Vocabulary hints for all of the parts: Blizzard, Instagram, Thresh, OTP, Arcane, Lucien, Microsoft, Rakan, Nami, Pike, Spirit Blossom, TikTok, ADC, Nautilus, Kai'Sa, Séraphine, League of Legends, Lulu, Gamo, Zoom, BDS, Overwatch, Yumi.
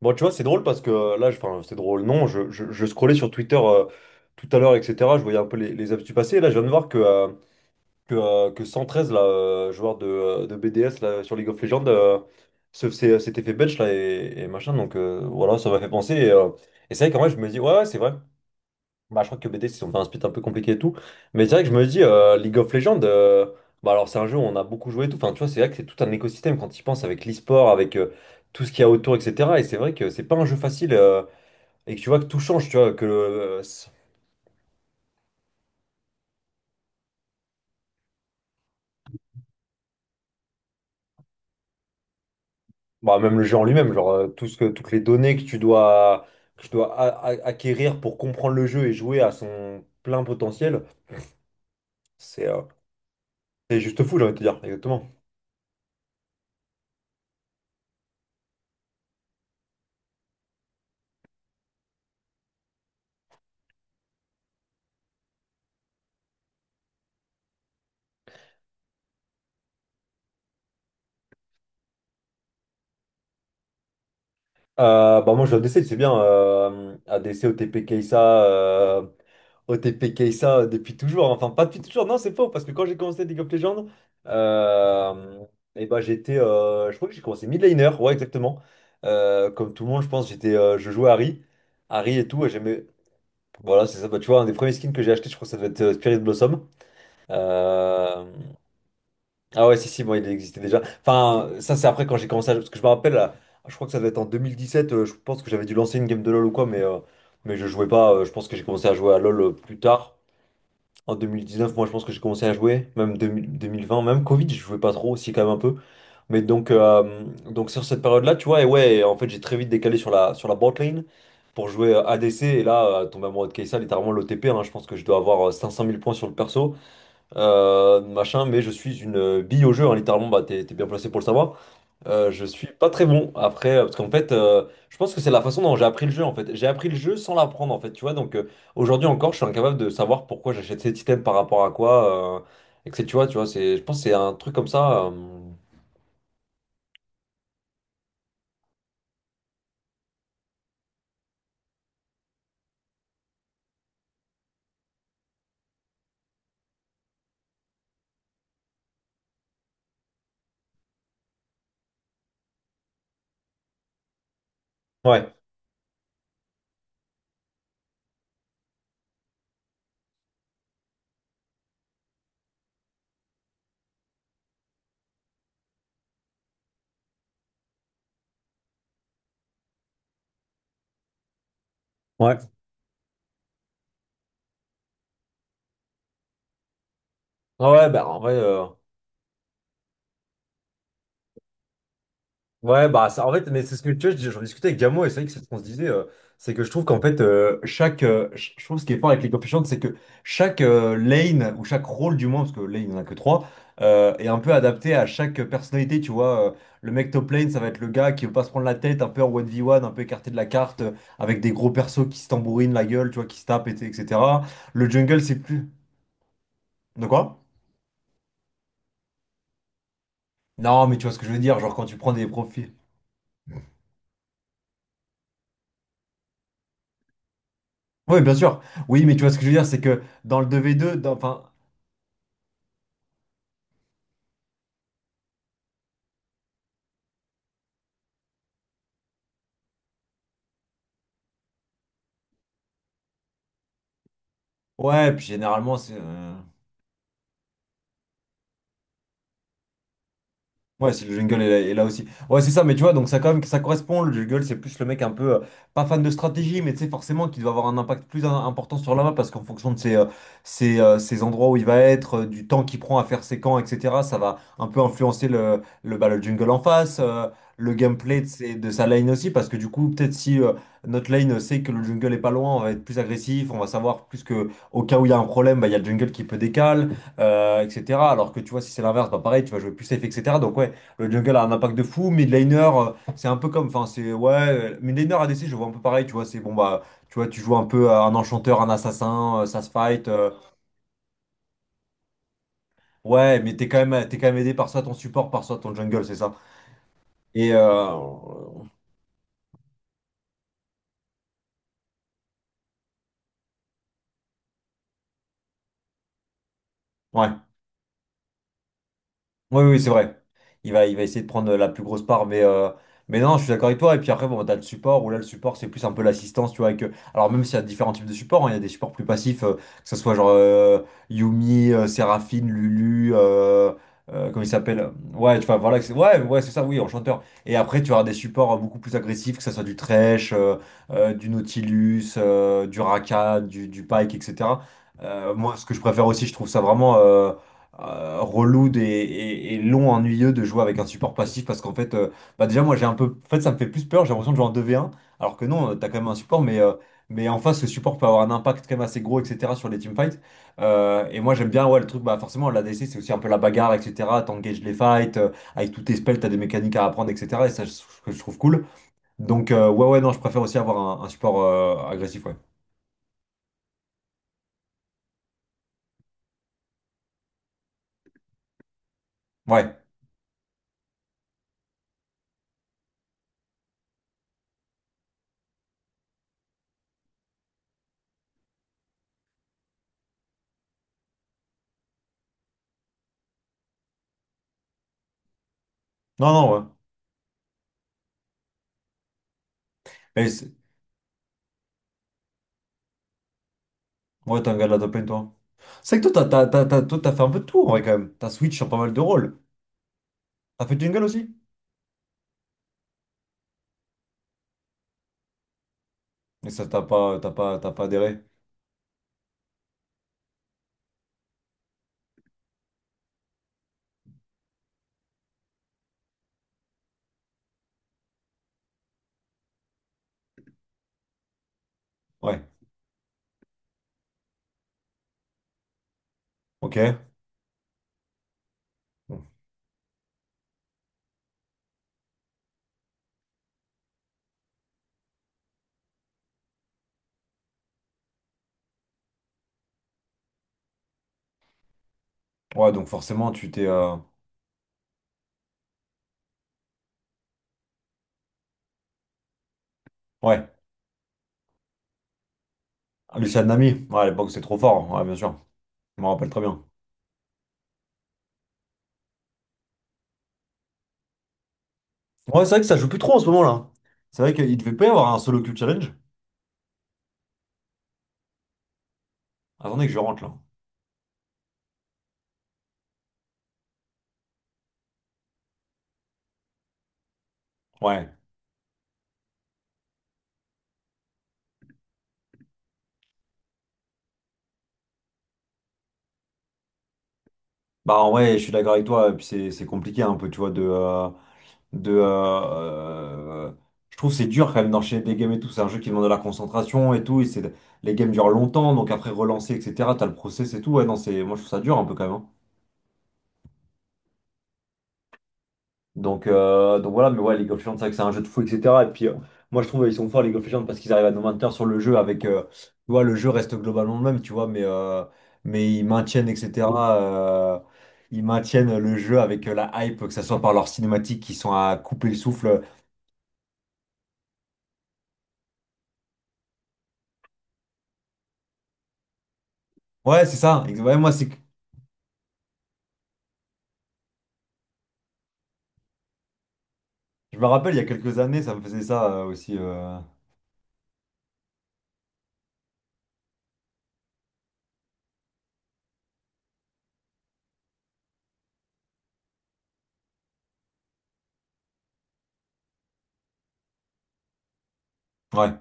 Bon, tu vois, c'est drôle parce que là, enfin, c'est drôle, non, je scrollais sur Twitter, tout à l'heure, etc. Je voyais un peu les actus passer. Et là, je viens de voir que 113, là, joueur de BDS là, sur League of Legends, s'était fait bench là, et machin. Donc, voilà, ça m'a fait penser. Et c'est vrai qu'en vrai, je me dis, ouais, ouais, c'est vrai. Bah, je crois que BD, ils ont fait un split un peu compliqué et tout. Mais c'est vrai que je me dis, League of Legends, bah, alors c'est un jeu où on a beaucoup joué et tout. Enfin, tu vois, c'est vrai que c'est tout un écosystème quand tu y penses avec l'e-sport, avec, tout ce qu'il y a autour, etc. Et c'est vrai que c'est pas un jeu facile, et que tu vois que tout change, tu vois, bah, même le jeu en lui-même, genre, tout ce que, toutes les données que tu dois acquérir pour comprendre le jeu et jouer à son plein potentiel, c'est euh, c'est juste fou, j'ai envie de te dire, exactement. Bah moi, je l'ADC, c'est bien. ADC, OTP, Kai'Sa, OTP, Kai'Sa depuis toujours, hein. Enfin, pas depuis toujours, non, c'est faux, parce que quand j'ai commencé League of Legends, euh, et bah, j'étais. Je crois que j'ai commencé mid laner, ouais, exactement. Comme tout le monde, je pense, je jouais Harry. Harry et tout, et j'aimais. Voilà, c'est ça. Bah, tu vois, un des premiers skins que j'ai acheté, je crois que ça doit être, Spirit Blossom. Euh, ah ouais, si, si, bon, il existait déjà. Enfin, ça, c'est après quand j'ai commencé à... Parce que je me rappelle, je crois que ça devait être en 2017, je pense que j'avais dû lancer une game de LoL ou quoi, mais je jouais pas. Je pense que j'ai commencé à jouer à LoL, plus tard. En 2019, moi, je pense que j'ai commencé à jouer, même 2000 2020, même Covid, je jouais pas trop aussi, quand même un peu. Mais donc sur cette période-là, tu vois, et ouais, en fait, j'ai très vite décalé sur sur la bot lane pour jouer, ADC, et là, tomber amoureux de Kai'Sa, littéralement l'OTP, hein, je pense que je dois avoir, 500 000 points sur le perso, machin, mais je suis une, bille au jeu, hein, littéralement, bah, t'es bien placé pour le savoir. Je suis pas très bon après, parce qu'en fait, je pense que c'est la façon dont j'ai appris le jeu, en fait. J'ai appris le jeu sans l'apprendre, en fait, tu vois. Donc, aujourd'hui encore, je suis incapable de savoir pourquoi j'achète cet item par rapport à quoi, et que tu vois, c'est, je pense que c'est un truc comme ça. Ouais. Ouais. Ah ouais, bah en vrai. Ouais, bah ça, en fait, mais c'est ce que tu vois, j'en discutais avec Gamo et c'est vrai que c'est ce qu'on se disait, c'est que je trouve qu'en fait, je trouve ce qui est fort avec les coefficients, c'est que chaque, lane ou chaque rôle du moins, parce que lane il n'y en a que trois, est un peu adapté à chaque personnalité, tu vois. Le mec top lane, ça va être le gars qui veut pas se prendre la tête, un peu en 1 v one un peu écarté de la carte, avec des gros persos qui se tambourinent la gueule, tu vois, qui se tapent, etc. Le jungle, c'est plus. De quoi? Non, mais tu vois ce que je veux dire, genre quand tu prends des profils. Oui, bien sûr. Oui, mais tu vois ce que je veux dire, c'est que dans le 2v2, enfin, ouais, puis généralement, c'est, ouais, c'est le jungle est là, aussi. Ouais, c'est ça, mais tu vois, donc ça, quand même, ça correspond. Le jungle, c'est plus le mec un peu, pas fan de stratégie, mais tu sais, forcément, qui doit avoir un impact plus important sur la map parce qu'en fonction de ses, ses endroits où il va être, du temps qu'il prend à faire ses camps, etc., ça va un peu influencer le jungle en face, le gameplay de sa lane aussi, parce que du coup, peut-être si notre lane sait que le jungle est pas loin, on va être plus agressif, on va savoir plus que au cas où il y a un problème, bah, il y a le jungle qui peut décaler, etc. Alors que tu vois, si c'est l'inverse, bah, pareil, tu vas jouer plus safe, etc. Donc, ouais. Le jungle a un impact de fou. Midlaner, c'est un peu comme. Enfin, c'est. Ouais. Midlaner ADC, je vois un peu pareil, tu vois. C'est bon, bah. Tu vois, tu joues un peu à un enchanteur, un assassin, ça se fight. Ouais, mais t'es quand même aidé par soit ton support, par soit ton jungle, c'est ça. Et. Ouais. Oui, oui, c'est vrai. Il va essayer de prendre la plus grosse part, mais non, je suis d'accord avec toi. Et puis après, bon, bah, t'as le support, où là, le support, c'est plus un peu l'assistance, tu vois. Avec, alors, même s'il y a différents types de supports, hein, il y a des supports plus passifs, que ce soit genre, Yumi, Séraphine, Lulu, comment il s'appelle? Ouais, tu vois, voilà, que ouais, ouais, c'est ça, oui, enchanteur. Et après, tu auras des supports, beaucoup plus agressifs, que ce soit du Thresh, du Nautilus, du Rakan, du Pike, etc. Moi, ce que je préfère aussi, je trouve ça vraiment. Et long, ennuyeux de jouer avec un support passif parce qu'en fait, bah déjà, moi j'ai un peu. En fait, ça me fait plus peur, j'ai l'impression de jouer en 2v1, alors que non, t'as quand même un support, mais en face, ce support peut avoir un impact quand même assez gros, etc. sur les teamfights. Et moi j'aime bien, ouais, le truc, bah forcément, la l'ADC c'est aussi un peu la bagarre, etc. T'engages les fights, avec tous tes spells, t'as des mécaniques à apprendre, etc. Et ça, que je trouve cool. Donc, ouais, ouais, non, je préfère aussi avoir un support, agressif, ouais. Ouais, non, non, ouais. Mais ouais, t'es un gars de la top lane, toi. C'est que toi, toi, t'as fait un peu de tout en vrai quand même. T'as switch sur pas mal de rôles. T'as fait Jungle aussi? Mais ça, t'as pas adhéré. Ouais, ok. Bon. Ouais, donc forcément, tu t'es. Ouais, ah, Lucien Nami. Ouais, à l'époque, c'est trop fort, hein. Ouais, bien sûr. Je m'en rappelle très bien. Ouais, c'est vrai que ça joue plus trop en ce moment-là. C'est vrai qu'il devait pas y avoir un solo queue challenge. Attendez que je rentre là. Ouais. Bah, en vrai, je suis d'accord avec toi. Et puis, c'est compliqué un peu, tu vois, de. De je trouve que c'est dur quand même d'enchaîner des games et tout. C'est un jeu qui demande de la concentration et tout. Et c'est les games durent longtemps, donc après relancer, etc. T'as le process et tout. Ouais, non, c'est moi je trouve ça dur un peu quand même, hein. Donc, donc voilà. Mais ouais, League of Legends, c'est vrai que c'est un jeu de fou, etc. Et puis, moi je trouve ils sont forts League of Legends parce qu'ils arrivent à nous maintenir sur le jeu avec, tu vois le jeu reste globalement le même, tu vois, mais, mais ils maintiennent, etc. Ils maintiennent le jeu avec, la hype, que ce soit par leurs cinématiques qui sont à couper le souffle. Ouais, c'est ça. Ouais, moi, c'est je me rappelle, il y a quelques années, ça me faisait ça, aussi. Ouais,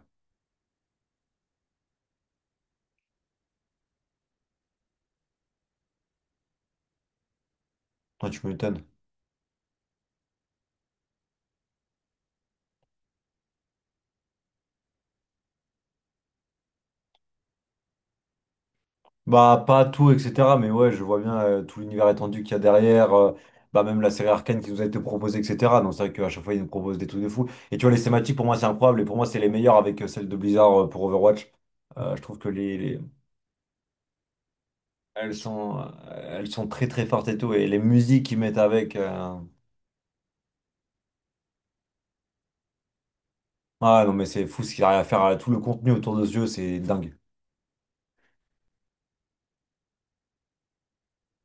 ouais, tu m'étonnes. Bah, pas tout, etc. Mais ouais, je vois bien, tout l'univers étendu qu'il y a derrière. Bah, même la série Arcane qui nous a été proposée, etc. Donc, c'est vrai qu'à chaque fois, ils nous proposent des trucs de fou. Et tu vois, les thématiques, pour moi, c'est incroyable. Et pour moi, c'est les meilleures avec, celles de Blizzard, pour Overwatch. Je trouve que elles sont... Elles sont très, très fortes et tout. Et les musiques qu'ils mettent avec. Ah, non, mais c'est fou ce qu'il arrive à faire. Tout le contenu autour de ce jeu, c'est dingue.